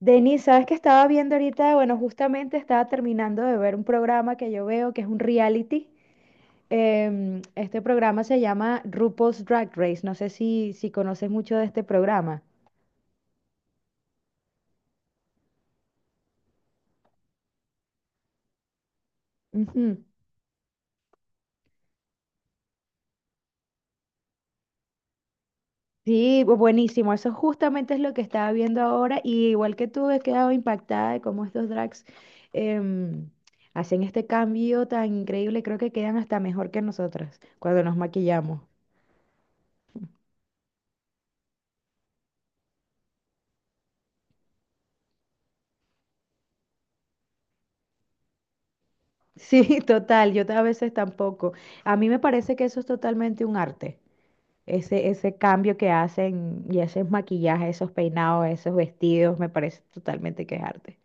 Denis, ¿sabes qué estaba viendo ahorita? Bueno, justamente estaba terminando de ver un programa que yo veo que es un reality. Este programa se llama RuPaul's Drag Race. No sé si conoces mucho de este programa. Ujú. Sí, buenísimo. Eso justamente es lo que estaba viendo ahora. Y igual que tú, he quedado impactada de cómo estos drags em, hacen este cambio tan increíble. Creo que quedan hasta mejor que nosotras cuando nos maquillamos. Sí, total, yo a veces tampoco. A mí me parece que eso es totalmente un arte, ese cambio que hacen y esos maquillajes, esos peinados, esos vestidos, me parece totalmente que es arte.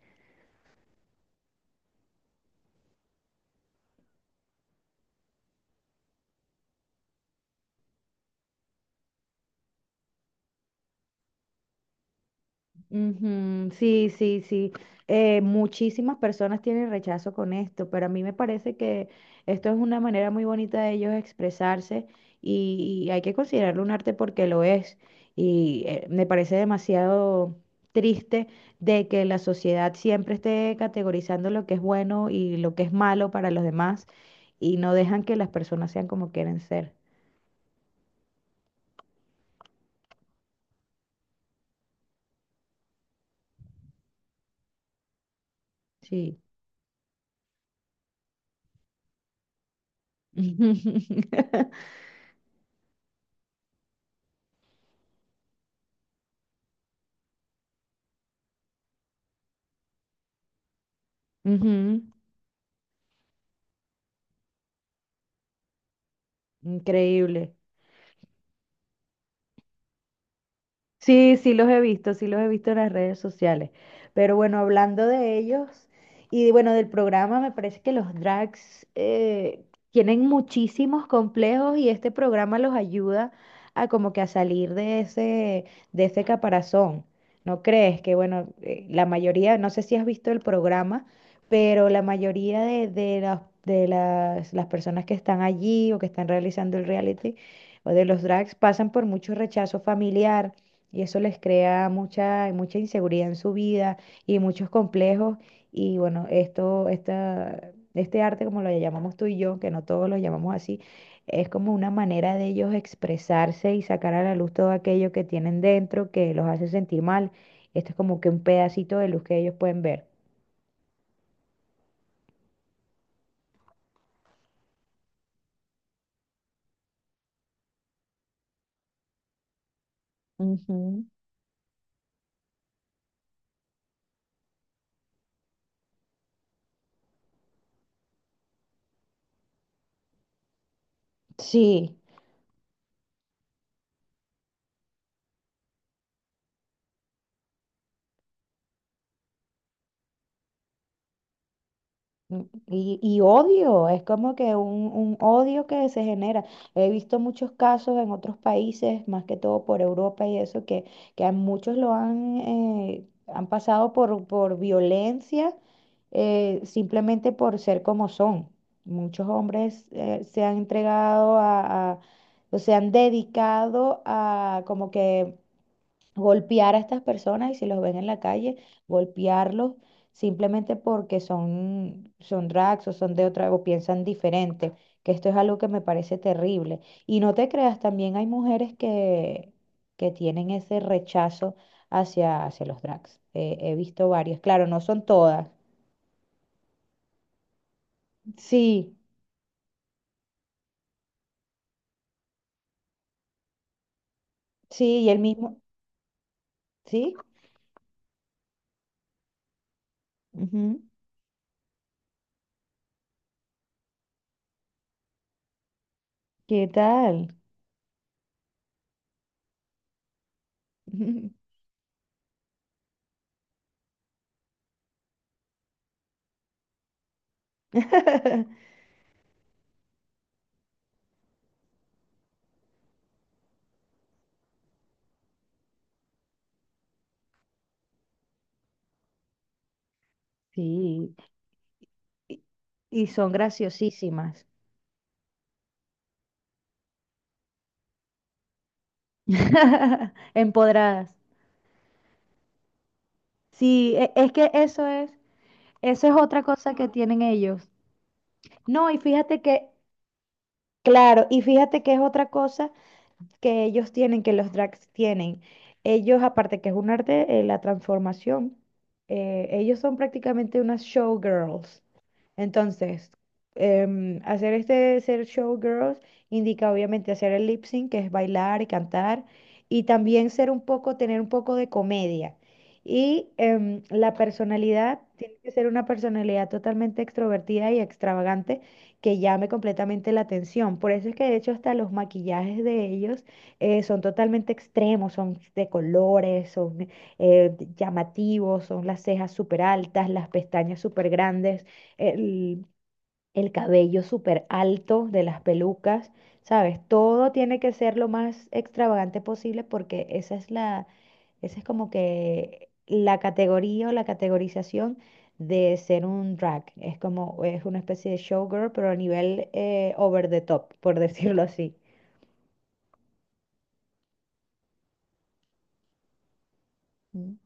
Ujú. Sí, sí, sí. Muchísimas personas tienen rechazo con esto, pero a mí me parece que esto es una manera muy bonita de ellos expresarse y hay que considerarlo un arte porque lo es. Y me parece demasiado triste de que la sociedad siempre esté categorizando lo que es bueno y lo que es malo para los demás y no dejan que las personas sean como quieren ser. Sí. Ujú. Increíble. Sí, sí los he visto, sí los he visto en las redes sociales. Pero bueno, hablando de ellos y bueno, del programa, me parece que los drags tienen muchísimos complejos y este programa los ayuda a como que a salir de de ese caparazón. ¿No crees que bueno, la mayoría, no sé si has visto el programa, pero la mayoría de de las personas que están allí o que están realizando el reality o de los drags pasan por mucho rechazo familiar y eso les crea mucha inseguridad en su vida y muchos complejos. Y bueno, este arte, como lo llamamos tú y yo, que no todos lo llamamos así, es como una manera de ellos expresarse y sacar a la luz todo aquello que tienen dentro que los hace sentir mal. Esto es como que un pedacito de luz que ellos pueden ver. Ujú. Sí. Mm. Y odio, es como que un odio que se genera. He visto muchos casos en otros países, más que todo por Europa y eso, que a muchos lo han, han pasado por violencia simplemente por ser como son. Muchos hombres se han entregado a, o se han dedicado a como que golpear a estas personas y si los ven en la calle, golpearlos simplemente porque son drags o son de otra o piensan diferente, que esto es algo que me parece terrible. Y no te creas, también hay mujeres que tienen ese rechazo hacia los drags. He visto varias, claro, no son todas. Sí, sí, ¿sí? Ujú. ¿Qué tal? Sí, y son graciosísimas. Empoderadas. Sí, es que eso eso es otra cosa que tienen ellos. No, y fíjate que, claro, y fíjate que es otra cosa que ellos tienen, que los drags tienen. Ellos, aparte que es un arte, la transformación, ellos son prácticamente unas showgirls. Entonces, hacer este ser showgirls indica obviamente hacer el lip sync, que es bailar y cantar, y también ser un poco, tener un poco de comedia. Y la personalidad tiene que ser una personalidad totalmente extrovertida y extravagante que llame completamente la atención. Por eso es que de hecho hasta los maquillajes de ellos son totalmente extremos, son de colores, son llamativos, son las cejas súper altas, las pestañas súper grandes, el, el cabello súper alto de las pelucas, ¿sabes? Todo tiene que ser lo más extravagante posible porque esa es esa es como que la categoría o la categorización de ser un drag. Es como, es una especie de showgirl, pero a nivel over the top, por decirlo así. Mm.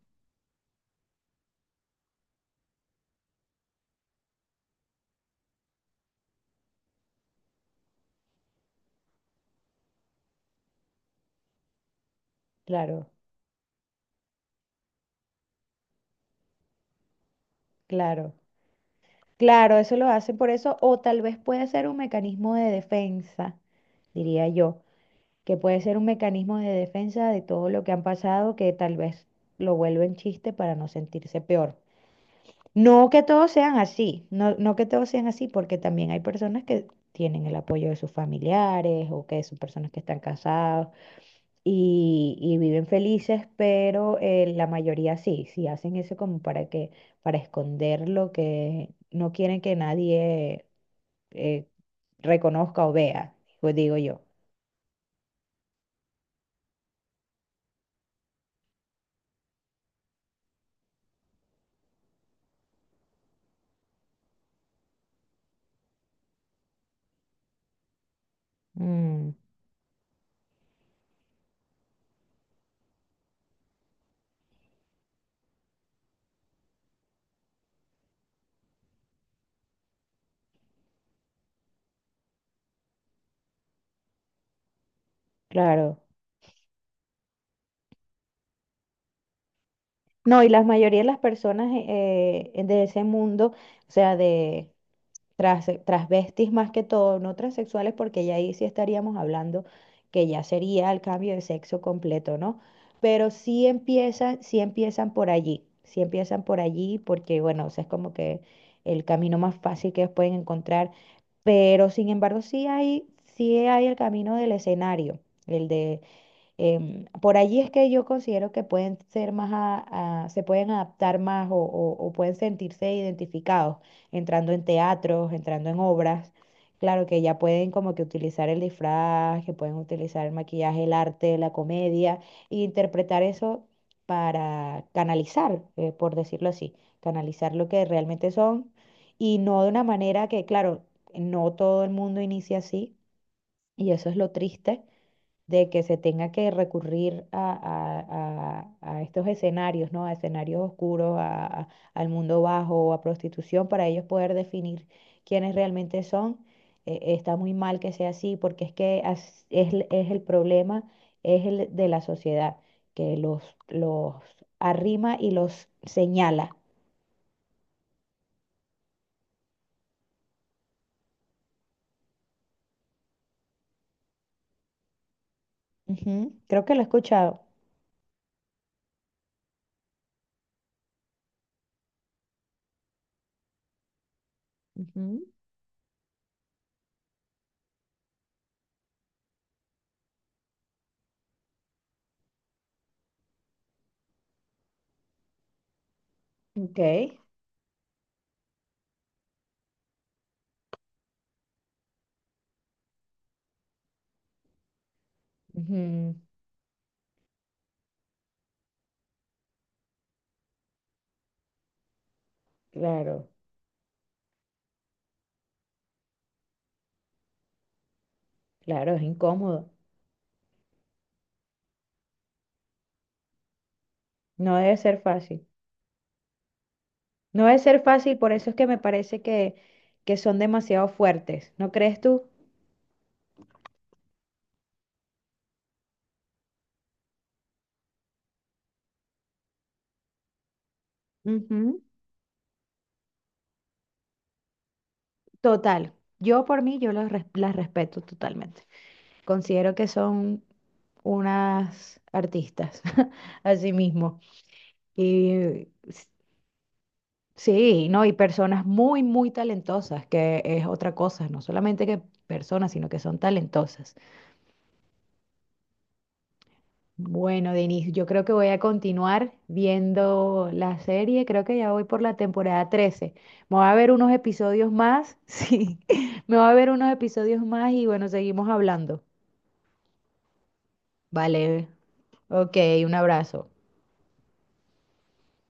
Claro, claro. Claro, eso lo hacen por eso, o tal vez puede ser un mecanismo de defensa, diría yo, que puede ser un mecanismo de defensa de todo lo que han pasado, que tal vez lo vuelven chiste para no sentirse peor. No que todos sean así, no, no que todos sean así, porque también hay personas que tienen el apoyo de sus familiares o que son personas que están casados y viven felices, pero la mayoría sí, sí hacen eso como para para esconder lo que no quieren que nadie eh, reconozca o vea, pues digo yo. Mm, claro. No, y la mayoría de las personas de ese mundo, o sea, transvestis más que todo, no transexuales, porque ya ahí sí estaríamos hablando que ya sería el cambio de sexo completo, ¿no? Pero sí empiezan por allí, sí empiezan por allí, porque bueno, o sea, es como que el camino más fácil que ellos pueden encontrar, pero sin embargo sí hay el camino del escenario, el de por allí es que yo considero que pueden ser más se pueden adaptar más o, o pueden sentirse identificados entrando en teatros, entrando en obras. Claro que ya pueden como que utilizar el disfraz, que pueden utilizar el maquillaje, el arte, la comedia, e interpretar eso para canalizar, por decirlo así, canalizar lo que realmente son y no de una manera que, claro, no todo el mundo inicia así y eso es lo triste de que se tenga que recurrir a, a estos escenarios, ¿no? A escenarios oscuros, al mundo bajo, a prostitución, para ellos poder definir quiénes realmente son. Está muy mal que sea así, porque es que es, es el problema, es el de la sociedad, que los arrima y los señala. Ujú. Creo que lo he escuchado. Ujú. Ok. Ujú. Claro, claro, es incómodo. No debe ser fácil. No debe ser fácil, por eso es que me parece que son demasiado fuertes, ¿no crees tú? Ujú. Total, yo por mí, yo las respeto totalmente. Considero que son unas artistas, así mismo. Y sí, ¿no? Y personas muy, muy talentosas, que es otra cosa, no solamente que personas, sino que son talentosas. Bueno, Denis, yo creo que voy a continuar viendo la serie. Creo que ya voy por la temporada 13. Me voy a ver unos episodios más. Sí, me voy a ver unos episodios más y bueno, seguimos hablando. Vale. Ok, un abrazo.